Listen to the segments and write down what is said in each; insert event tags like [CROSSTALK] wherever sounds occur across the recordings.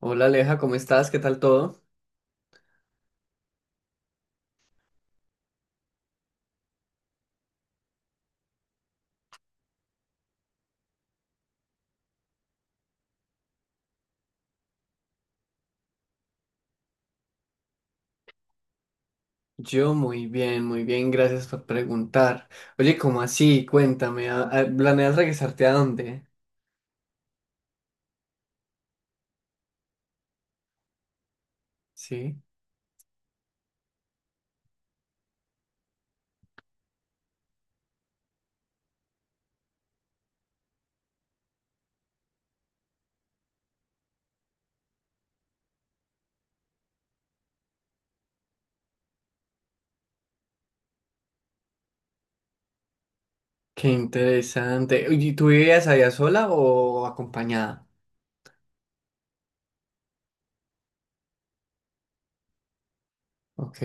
Hola Aleja, ¿cómo estás? ¿Qué tal todo? Yo muy bien, gracias por preguntar. Oye, ¿cómo así? Cuéntame, ¿planeas regresarte a dónde? Sí, qué interesante. Oye, ¿y tú vivías allá sola o acompañada? Ok.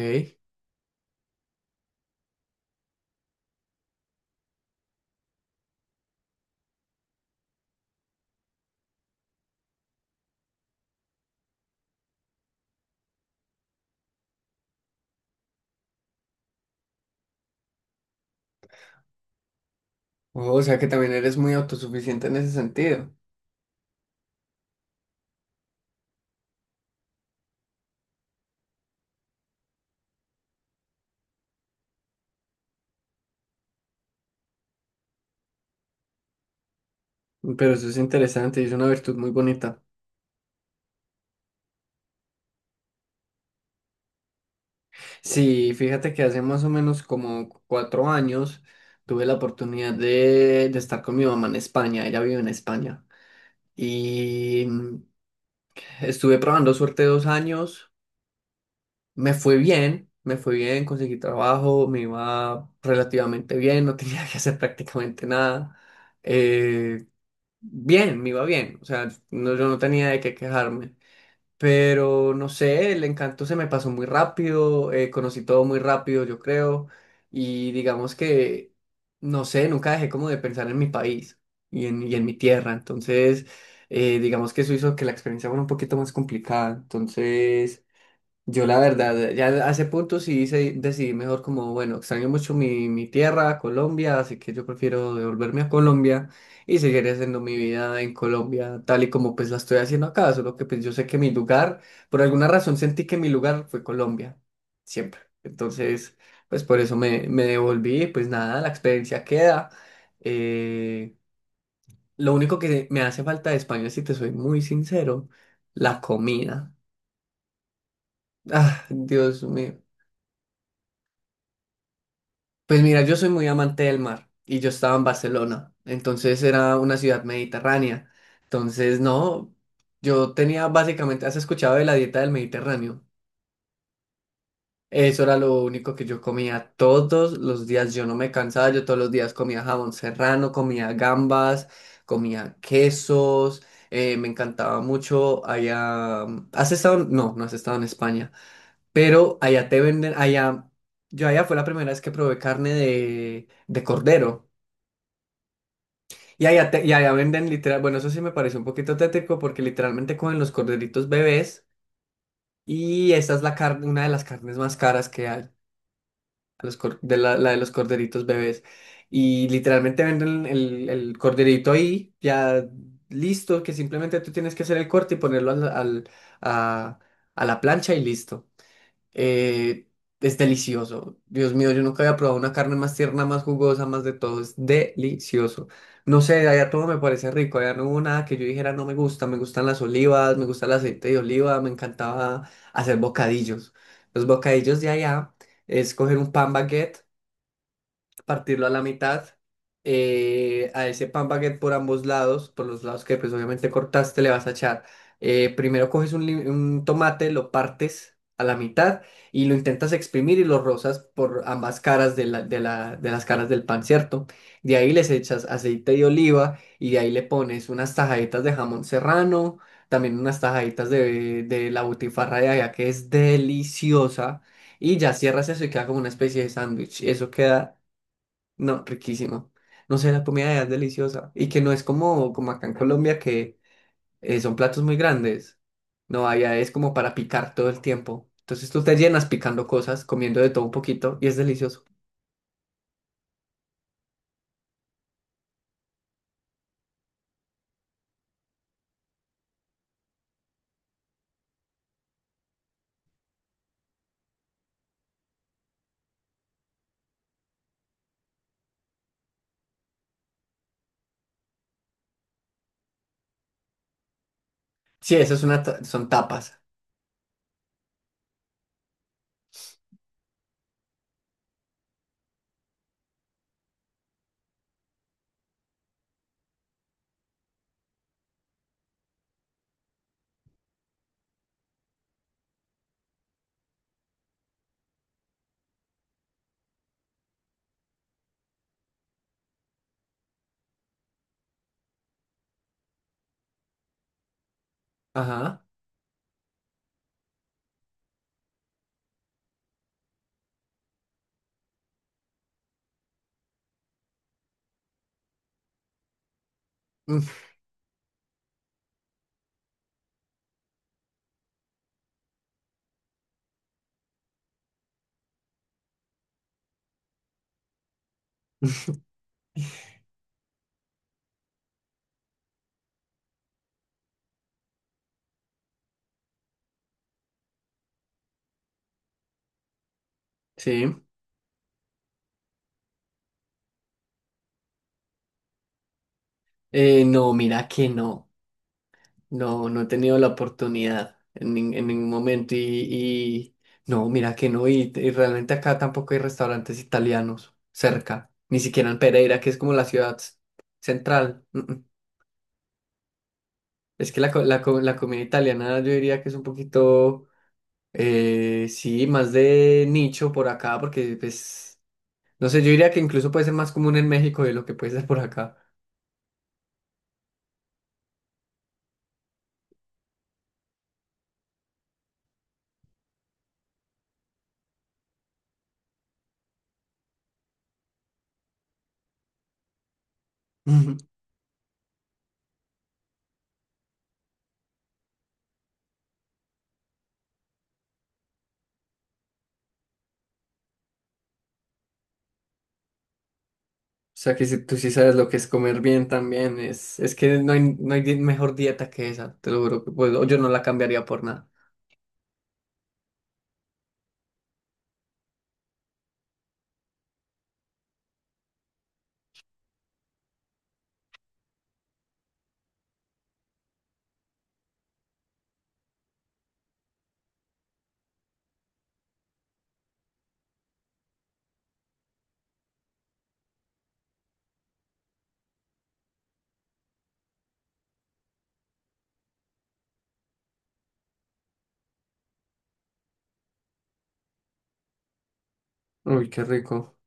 Oh, o sea que también eres muy autosuficiente en ese sentido. Pero eso es interesante y es una virtud muy bonita. Sí, fíjate que hace más o menos como cuatro años tuve la oportunidad de estar con mi mamá en España. Ella vive en España. Y mm, estuve probando suerte dos años, me fue bien, conseguí trabajo, me iba relativamente bien, no [LAUGHS] tenía que hacer prácticamente nada. Eh, Bien, me iba bien, o sea, yo no tenía de qué quejarme. Pero no sé, el encanto se me pasó muy rápido, conocí todo muy rápido, yo creo, y digamos que, no sé, nunca dejé como de pensar en mi país y en mi tierra, entonces, digamos que eso hizo que la experiencia fuera un poquito más complicada, entonces... Yo la verdad, ya a ese punto sí decidí mejor como, bueno, extraño mucho mi tierra, Colombia, así que yo prefiero devolverme a Colombia y seguir haciendo mi vida en Colombia, tal y como pues la estoy haciendo acá, solo que pues yo sé que mi lugar, por alguna razón sentí que mi lugar fue Colombia, siempre. Entonces, pues por eso me devolví, pues nada, la experiencia queda. Eh, lo único que me hace falta de España, si te soy muy sincero, la comida. Ah, Dios mío. Pues mira, yo soy muy amante del mar y yo estaba en Barcelona, entonces era una ciudad mediterránea. Entonces, no, yo tenía básicamente, ¿has escuchado de la dieta del Mediterráneo? Eso era lo único que yo comía todos los días, yo no me cansaba, yo todos los días comía jamón serrano, comía gambas, comía quesos, me encantaba mucho allá. ¿Has estado? No, no has estado en España, pero allá te venden, allá, yo allá fue la primera vez que probé carne de cordero. Y allá, y allá venden literal, bueno, eso sí me parece un poquito tétrico porque literalmente cogen los corderitos bebés y esta es la carne, una de las carnes más caras que hay, a los de la de los corderitos bebés. Y literalmente venden el corderito ahí, ya listo, que simplemente tú tienes que hacer el corte y ponerlo a, a la plancha y listo. eh, es delicioso. Dios mío, yo nunca había probado una carne más tierna, más jugosa, más de todo. Es delicioso. No sé, allá todo me parece rico. Allá no hubo nada que yo dijera no me gusta. Me gustan las olivas, me gusta el aceite de oliva, me encantaba hacer bocadillos. Los bocadillos de allá es coger un pan baguette, partirlo a la mitad, a ese pan baguette por ambos lados, por los lados que pues obviamente cortaste, le vas a echar, primero coges un tomate, lo partes a la mitad y lo intentas exprimir y lo rozas por ambas caras de, de las caras del pan, ¿cierto? De ahí les echas aceite de oliva y de ahí le pones unas tajaditas de jamón serrano, también unas tajaditas de la butifarra de allá que es deliciosa y ya cierras eso y queda como una especie de sándwich. Eso queda, no, riquísimo. No sé, la comida allá es deliciosa. Y que no es como, como acá en Colombia, que son platos muy grandes. No, allá es como para picar todo el tiempo. Entonces tú te llenas picando cosas, comiendo de todo un poquito, y es delicioso. Sí, eso es una son tapas. Ajá. Mm, sí. No, mira que no. No, no he tenido la oportunidad en, en ningún momento no, mira que no, y realmente acá tampoco hay restaurantes italianos cerca, ni siquiera en Pereira, que es como la ciudad central. Mm, mm. Es que la comida italiana yo diría que es un poquito, sí, más de nicho por acá, porque pues, no sé, yo diría que incluso puede ser más común en México de lo que puede ser por acá. [LAUGHS] O sea que si tú sí sabes lo que es comer bien también, es que no hay, no hay mejor dieta que esa, te lo juro que puedo, yo no la cambiaría por nada. Uy, qué rico.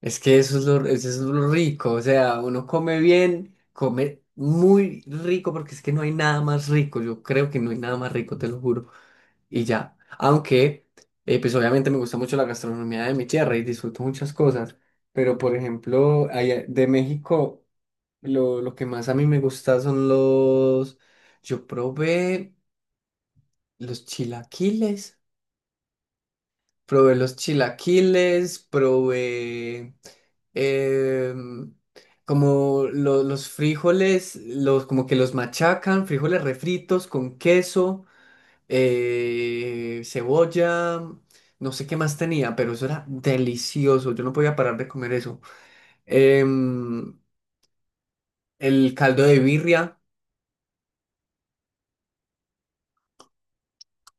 Es que eso es lo rico, o sea, uno come bien, come muy rico porque es que no hay nada más rico, yo creo que no hay nada más rico, te lo juro. Y ya, aunque, pues obviamente me gusta mucho la gastronomía de mi tierra y disfruto muchas cosas, pero por ejemplo, allá de México... Lo que más a mí me gusta son los... Yo probé los chilaquiles, probé los chilaquiles, probé em, como los frijoles, los, como que los machacan, frijoles refritos con queso, cebolla, no sé qué más tenía, pero eso era delicioso, yo no podía parar de comer eso. Em, el caldo de birria.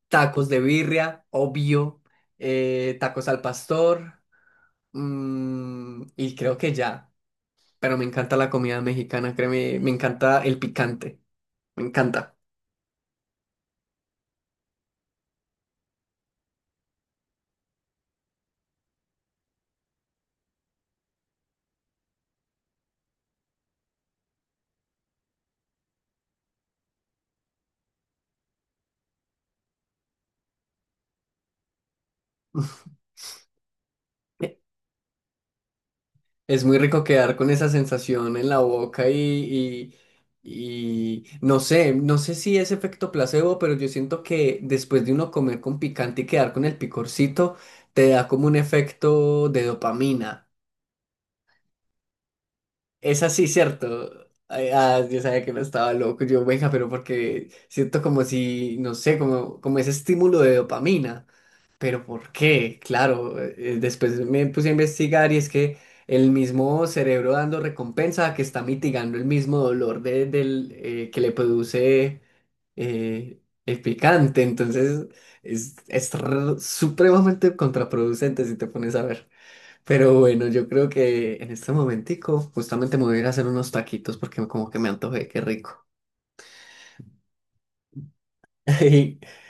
Tacos de birria, obvio. Tacos al pastor. Mm, y creo que ya. Pero me encanta la comida mexicana, créeme, me encanta el picante. Me encanta. [LAUGHS] Eh, Es muy rico quedar con esa sensación en la boca y no sé, no sé si es efecto placebo, pero yo siento que después de uno comer con picante y quedar con el picorcito, te da como un efecto de dopamina. Es así, ¿cierto? Ay, ah, yo sabía que no estaba loco, yo, venga, pero porque siento como si, no sé, como, como ese estímulo de dopamina. Pero ¿por qué? Claro, después me puse a investigar y es que el mismo cerebro dando recompensa que está mitigando el mismo dolor del, que le produce el picante. Entonces es, supremamente contraproducente si te pones a ver. Pero bueno, yo creo que en este momentico justamente me voy a ir a hacer unos taquitos porque como que me antojé, qué rico. [LAUGHS]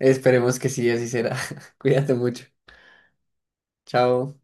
Y esperemos que sí, así será. [LAUGHS] Cuídate mucho. Chao.